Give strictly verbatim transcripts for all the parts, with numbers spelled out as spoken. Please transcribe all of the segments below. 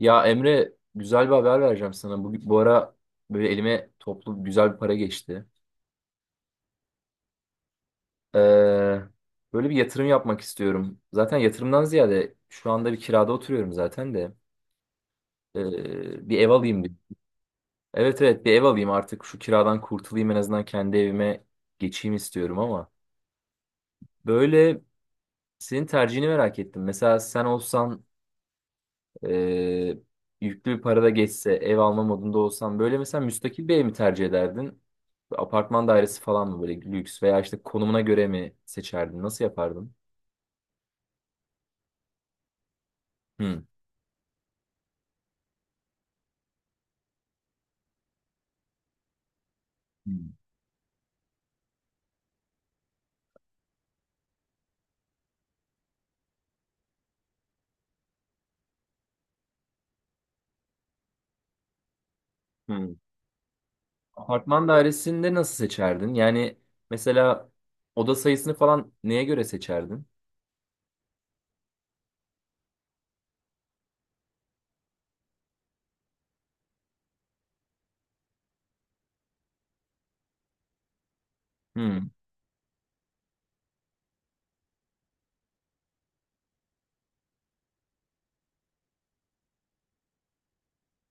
Ya Emre, güzel bir haber vereceğim sana. Bu, bu ara böyle elime toplu güzel bir para geçti. Ee, Böyle bir yatırım yapmak istiyorum. Zaten yatırımdan ziyade şu anda bir kirada oturuyorum zaten de. Ee, bir ev alayım bir. Evet evet, bir ev alayım artık, şu kiradan kurtulayım, en azından kendi evime geçeyim istiyorum ama. Böyle senin tercihini merak ettim. Mesela sen olsan, Ee, yüklü bir para da geçse, ev alma modunda olsan, böyle mesela müstakil bir ev mi tercih ederdin? Apartman dairesi falan mı, böyle lüks, veya işte konumuna göre mi seçerdin? Nasıl yapardın? Hmm. Hmm. Hmm. Apartman dairesinde nasıl seçerdin? Yani mesela oda sayısını falan neye göre seçerdin? Hmm.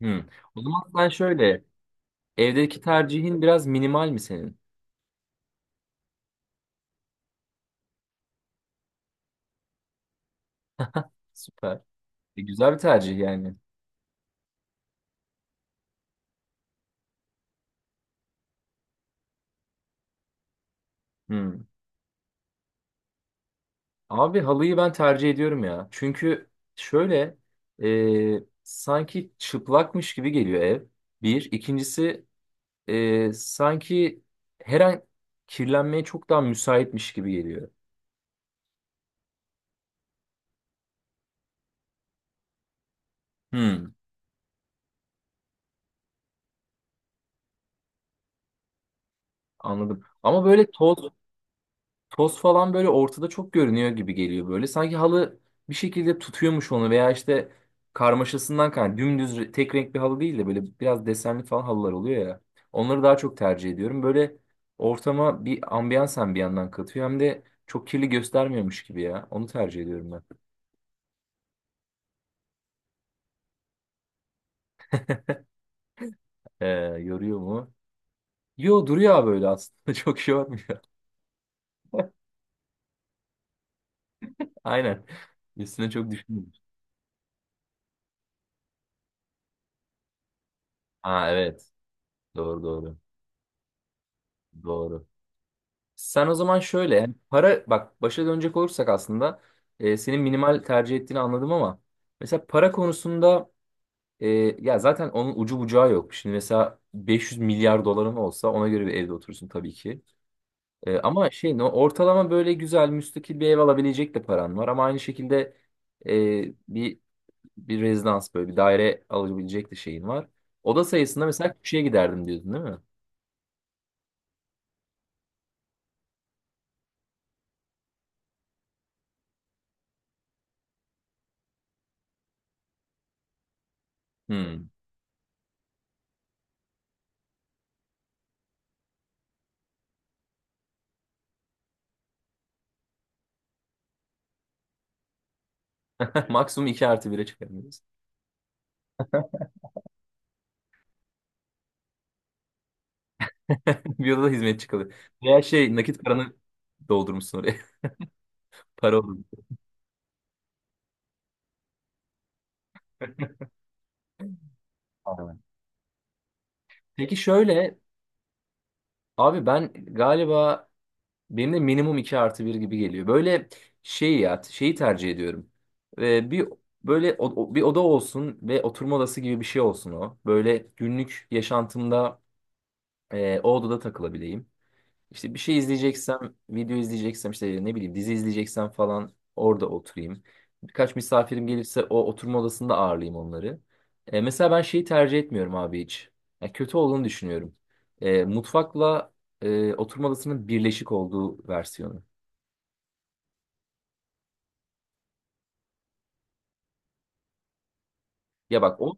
Hmm. O zaman sen şöyle, evdeki tercihin biraz minimal mi senin? Süper. E, güzel bir tercih yani. Hmm. Abi halıyı ben tercih ediyorum ya. Çünkü şöyle, e, sanki çıplakmış gibi geliyor ev. Bir. İkincisi, e, sanki her an kirlenmeye çok daha müsaitmiş gibi geliyor. Hmm. Anladım. Ama böyle toz Toz falan böyle ortada çok görünüyor gibi geliyor böyle. Sanki halı bir şekilde tutuyormuş onu, veya işte karmaşasından kaynaklı. Dümdüz re- tek renk bir halı değil de böyle biraz desenli falan halılar oluyor ya. Onları daha çok tercih ediyorum. Böyle ortama bir ambiyans hem bir yandan katıyor, hem de çok kirli göstermiyormuş gibi ya. Onu tercih ediyorum ben. Ee, Yoruyor mu? Yo, duruyor abi öyle aslında. Çok şey olmuyor. Aynen. Üstüne çok düşünmüyorum. Ha evet. Doğru doğru. Doğru. Sen o zaman şöyle, yani para, bak başa dönecek olursak aslında, e, senin minimal tercih ettiğini anladım, ama mesela para konusunda, e, ya zaten onun ucu bucağı yok. Şimdi mesela beş yüz milyar doların olsa ona göre bir evde oturursun tabii ki. E, ama şey no, ortalama böyle güzel müstakil bir ev alabilecek de paran var, ama aynı şekilde, e, bir bir rezidans, böyle bir daire alabilecek de şeyin var. Oda sayısında mesela küçüğe giderdim diyordun değil mi? Hmm. Maksimum iki artı bire çıkardım. Bir odada hizmetçi kalıyor. Veya şey, nakit paranı doldurmuşsun oraya. Para olur. Aynen. Peki şöyle, abi ben galiba, benim de minimum iki artı bir gibi geliyor. Böyle şey ya, şeyi tercih ediyorum. Ee, bir böyle o- o- bir oda olsun ve oturma odası gibi bir şey olsun o. Böyle günlük yaşantımda, e, o odada takılabileyim. İşte bir şey izleyeceksem, video izleyeceksem, işte ne bileyim dizi izleyeceksem falan, orada oturayım. Birkaç misafirim gelirse o oturma odasında ağırlayayım onları. E, mesela ben şeyi tercih etmiyorum abi hiç. Yani kötü olduğunu düşünüyorum. E, mutfakla, e, oturma odasının birleşik olduğu versiyonu. Ya bak o,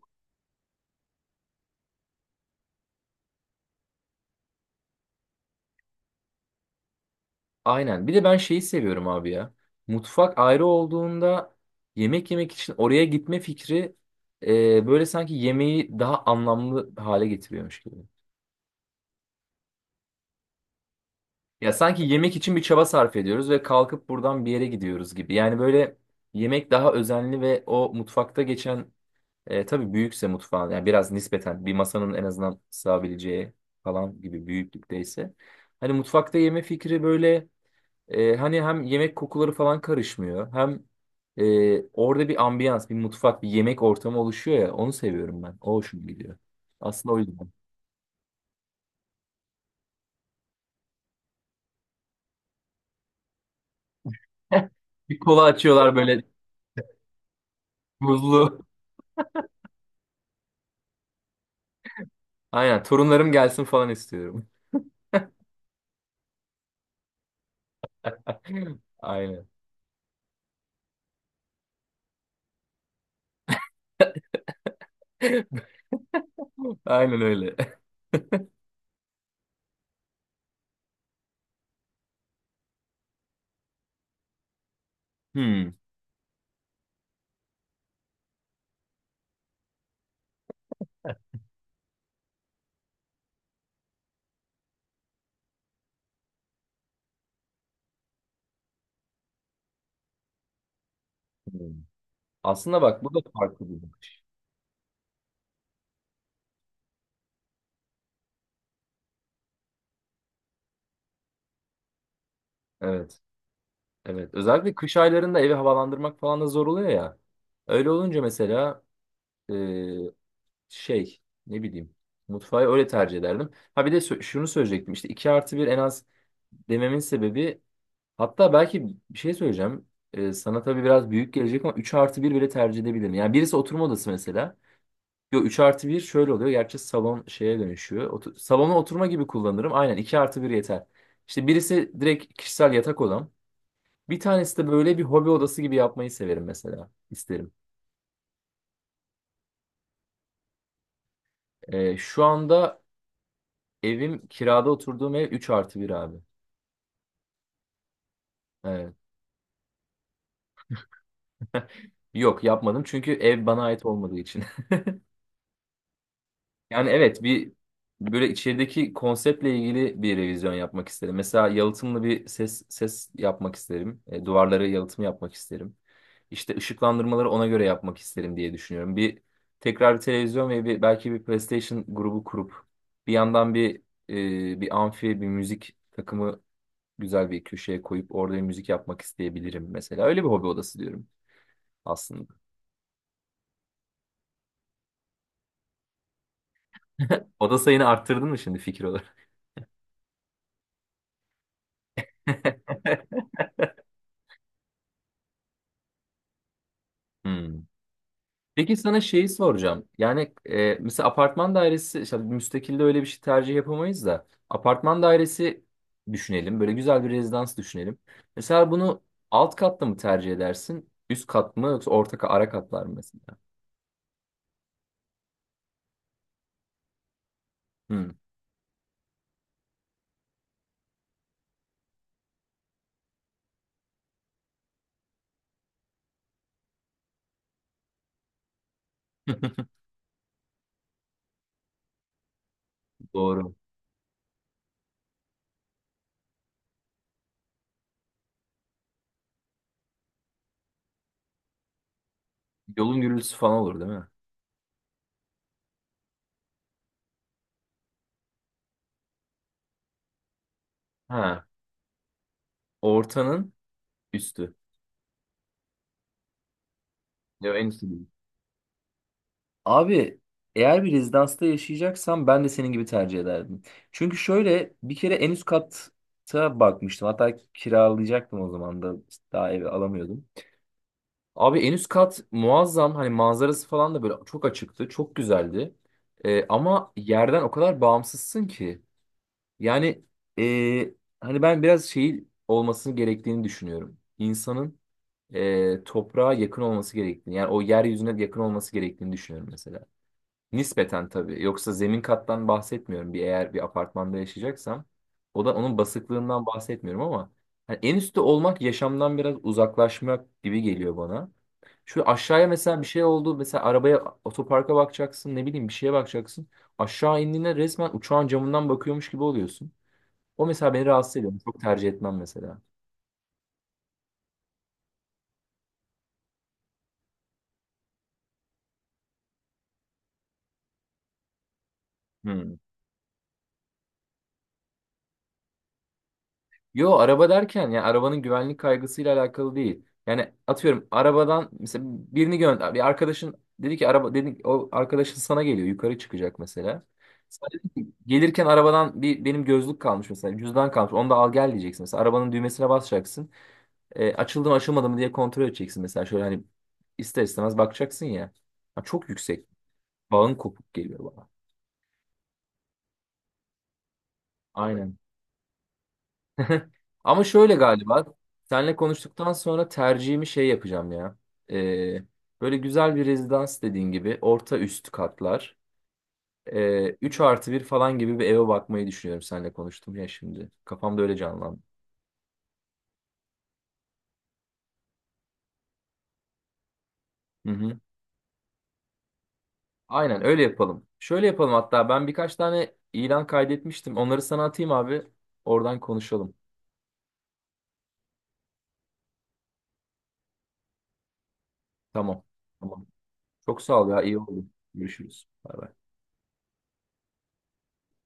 aynen. Bir de ben şeyi seviyorum abi ya. Mutfak ayrı olduğunda yemek yemek için oraya gitme fikri, e, böyle sanki yemeği daha anlamlı hale getiriyormuş gibi. Ya sanki yemek için bir çaba sarf ediyoruz ve kalkıp buradan bir yere gidiyoruz gibi. Yani böyle yemek daha özenli, ve o mutfakta geçen, e, tabii büyükse mutfağın, yani biraz nispeten bir masanın en azından sığabileceği falan gibi büyüklükteyse. Hani mutfakta yeme fikri böyle, e, hani hem yemek kokuları falan karışmıyor, hem, e, orada bir ambiyans, bir mutfak, bir yemek ortamı oluşuyor ya, onu seviyorum ben. O hoşuma gidiyor. Aslında o yüzden. Bir kola açıyorlar böyle, buzlu. Aynen, torunlarım gelsin falan istiyorum. Aynen. Aynen öyle. Hmm. Hmm. Aslında bak, bu da farklı bir bakış. Evet. Evet. Özellikle kış aylarında evi havalandırmak falan da zor oluyor ya. Öyle olunca mesela, e, şey, ne bileyim, mutfağı öyle tercih ederdim. Ha bir de sö- şunu söyleyecektim, işte iki artı bir en az dememin sebebi, hatta belki bir şey söyleyeceğim. E, sana tabii biraz büyük gelecek ama üç artı bir bile tercih edebilirim. Yani birisi oturma odası mesela. Yo üç artı bir şöyle oluyor. Gerçi salon şeye dönüşüyor. Otu- salona oturma gibi kullanırım. Aynen iki artı bir yeter. İşte birisi direkt kişisel yatak odam. Bir tanesi de böyle bir hobi odası gibi yapmayı severim mesela. İsterim. Ee, şu anda evim, kirada oturduğum ev üç artı bir abi. Evet. Yok, yapmadım çünkü ev bana ait olmadığı için. Yani evet, bir böyle içerideki konseptle ilgili bir revizyon yapmak isterim. Mesela yalıtımlı bir ses ses yapmak isterim. E, duvarları yalıtım yapmak isterim. İşte ışıklandırmaları ona göre yapmak isterim diye düşünüyorum. Bir tekrar bir televizyon ve bir, belki bir PlayStation grubu kurup, bir yandan bir, e, bir amfi, bir müzik takımı güzel bir köşeye koyup orada bir müzik yapmak isteyebilirim mesela. Öyle bir hobi odası diyorum aslında. Oda sayını arttırdın mı şimdi fikir olarak? Hmm. Peki sana şeyi soracağım. Yani, e, mesela apartman dairesi, işte müstakilde öyle bir şey tercih yapamayız da, apartman dairesi düşünelim. Böyle güzel bir rezidans düşünelim. Mesela bunu alt katta mı tercih edersin? Üst kat mı, yoksa orta ka- ara katlar mı mesela? Hı, doğru. Yolun gürültüsü falan olur değil mi? Ha, ortanın üstü. Ya en üstü. Abi eğer bir rezidansta yaşayacaksam ben de senin gibi tercih ederdim. Çünkü şöyle, bir kere en üst kata bakmıştım. Hatta kiralayacaktım o zaman da, daha evi alamıyordum. Abi en üst kat muazzam, hani manzarası falan da böyle çok açıktı. Çok güzeldi. Ee, ama yerden o kadar bağımsızsın ki. Yani, ee, hani ben biraz şey olmasını gerektiğini düşünüyorum. İnsanın, ee, toprağa yakın olması gerektiğini. Yani o yeryüzüne yakın olması gerektiğini düşünüyorum mesela. Nispeten tabii. Yoksa zemin kattan bahsetmiyorum. Bir, eğer bir apartmanda yaşayacaksam, o da onun basıklığından bahsetmiyorum ama hani en üstte olmak yaşamdan biraz uzaklaşmak gibi geliyor bana. Şu aşağıya mesela bir şey oldu. Mesela arabaya, otoparka bakacaksın, ne bileyim bir şeye bakacaksın. Aşağı indiğinde resmen uçağın camından bakıyormuş gibi oluyorsun. O mesela beni rahatsız ediyor. Çok tercih etmem mesela. Hmm. Yo, araba derken yani arabanın güvenlik kaygısıyla alakalı değil. Yani atıyorum, arabadan mesela birini gönder. Bir arkadaşın dedi ki, araba dedi ki, o arkadaşın sana geliyor, yukarı çıkacak mesela. Sen dedin ki, gelirken arabadan bir, benim gözlük kalmış mesela, cüzdan kalmış, onu da al gel diyeceksin mesela, arabanın düğmesine basacaksın. E, açıldı mı, açılmadı mı diye kontrol edeceksin mesela şöyle, hani ister istemez bakacaksın ya. Ha, çok yüksek bağın kopuk geliyor bana. Aynen. Ama şöyle galiba senle konuştuktan sonra tercihimi şey yapacağım ya. Ee, Böyle güzel bir rezidans dediğin gibi orta üst katlar. Ee, üç artı bir falan gibi bir eve bakmayı düşünüyorum, senle konuştum ya şimdi. Kafamda öyle canlandı. Hı hı. Aynen öyle yapalım. Şöyle yapalım, hatta ben birkaç tane ilan kaydetmiştim. Onları sana atayım abi. Oradan konuşalım. Tamam. Tamam. Çok sağ ol ya, iyi oldu. Görüşürüz. Bay bay.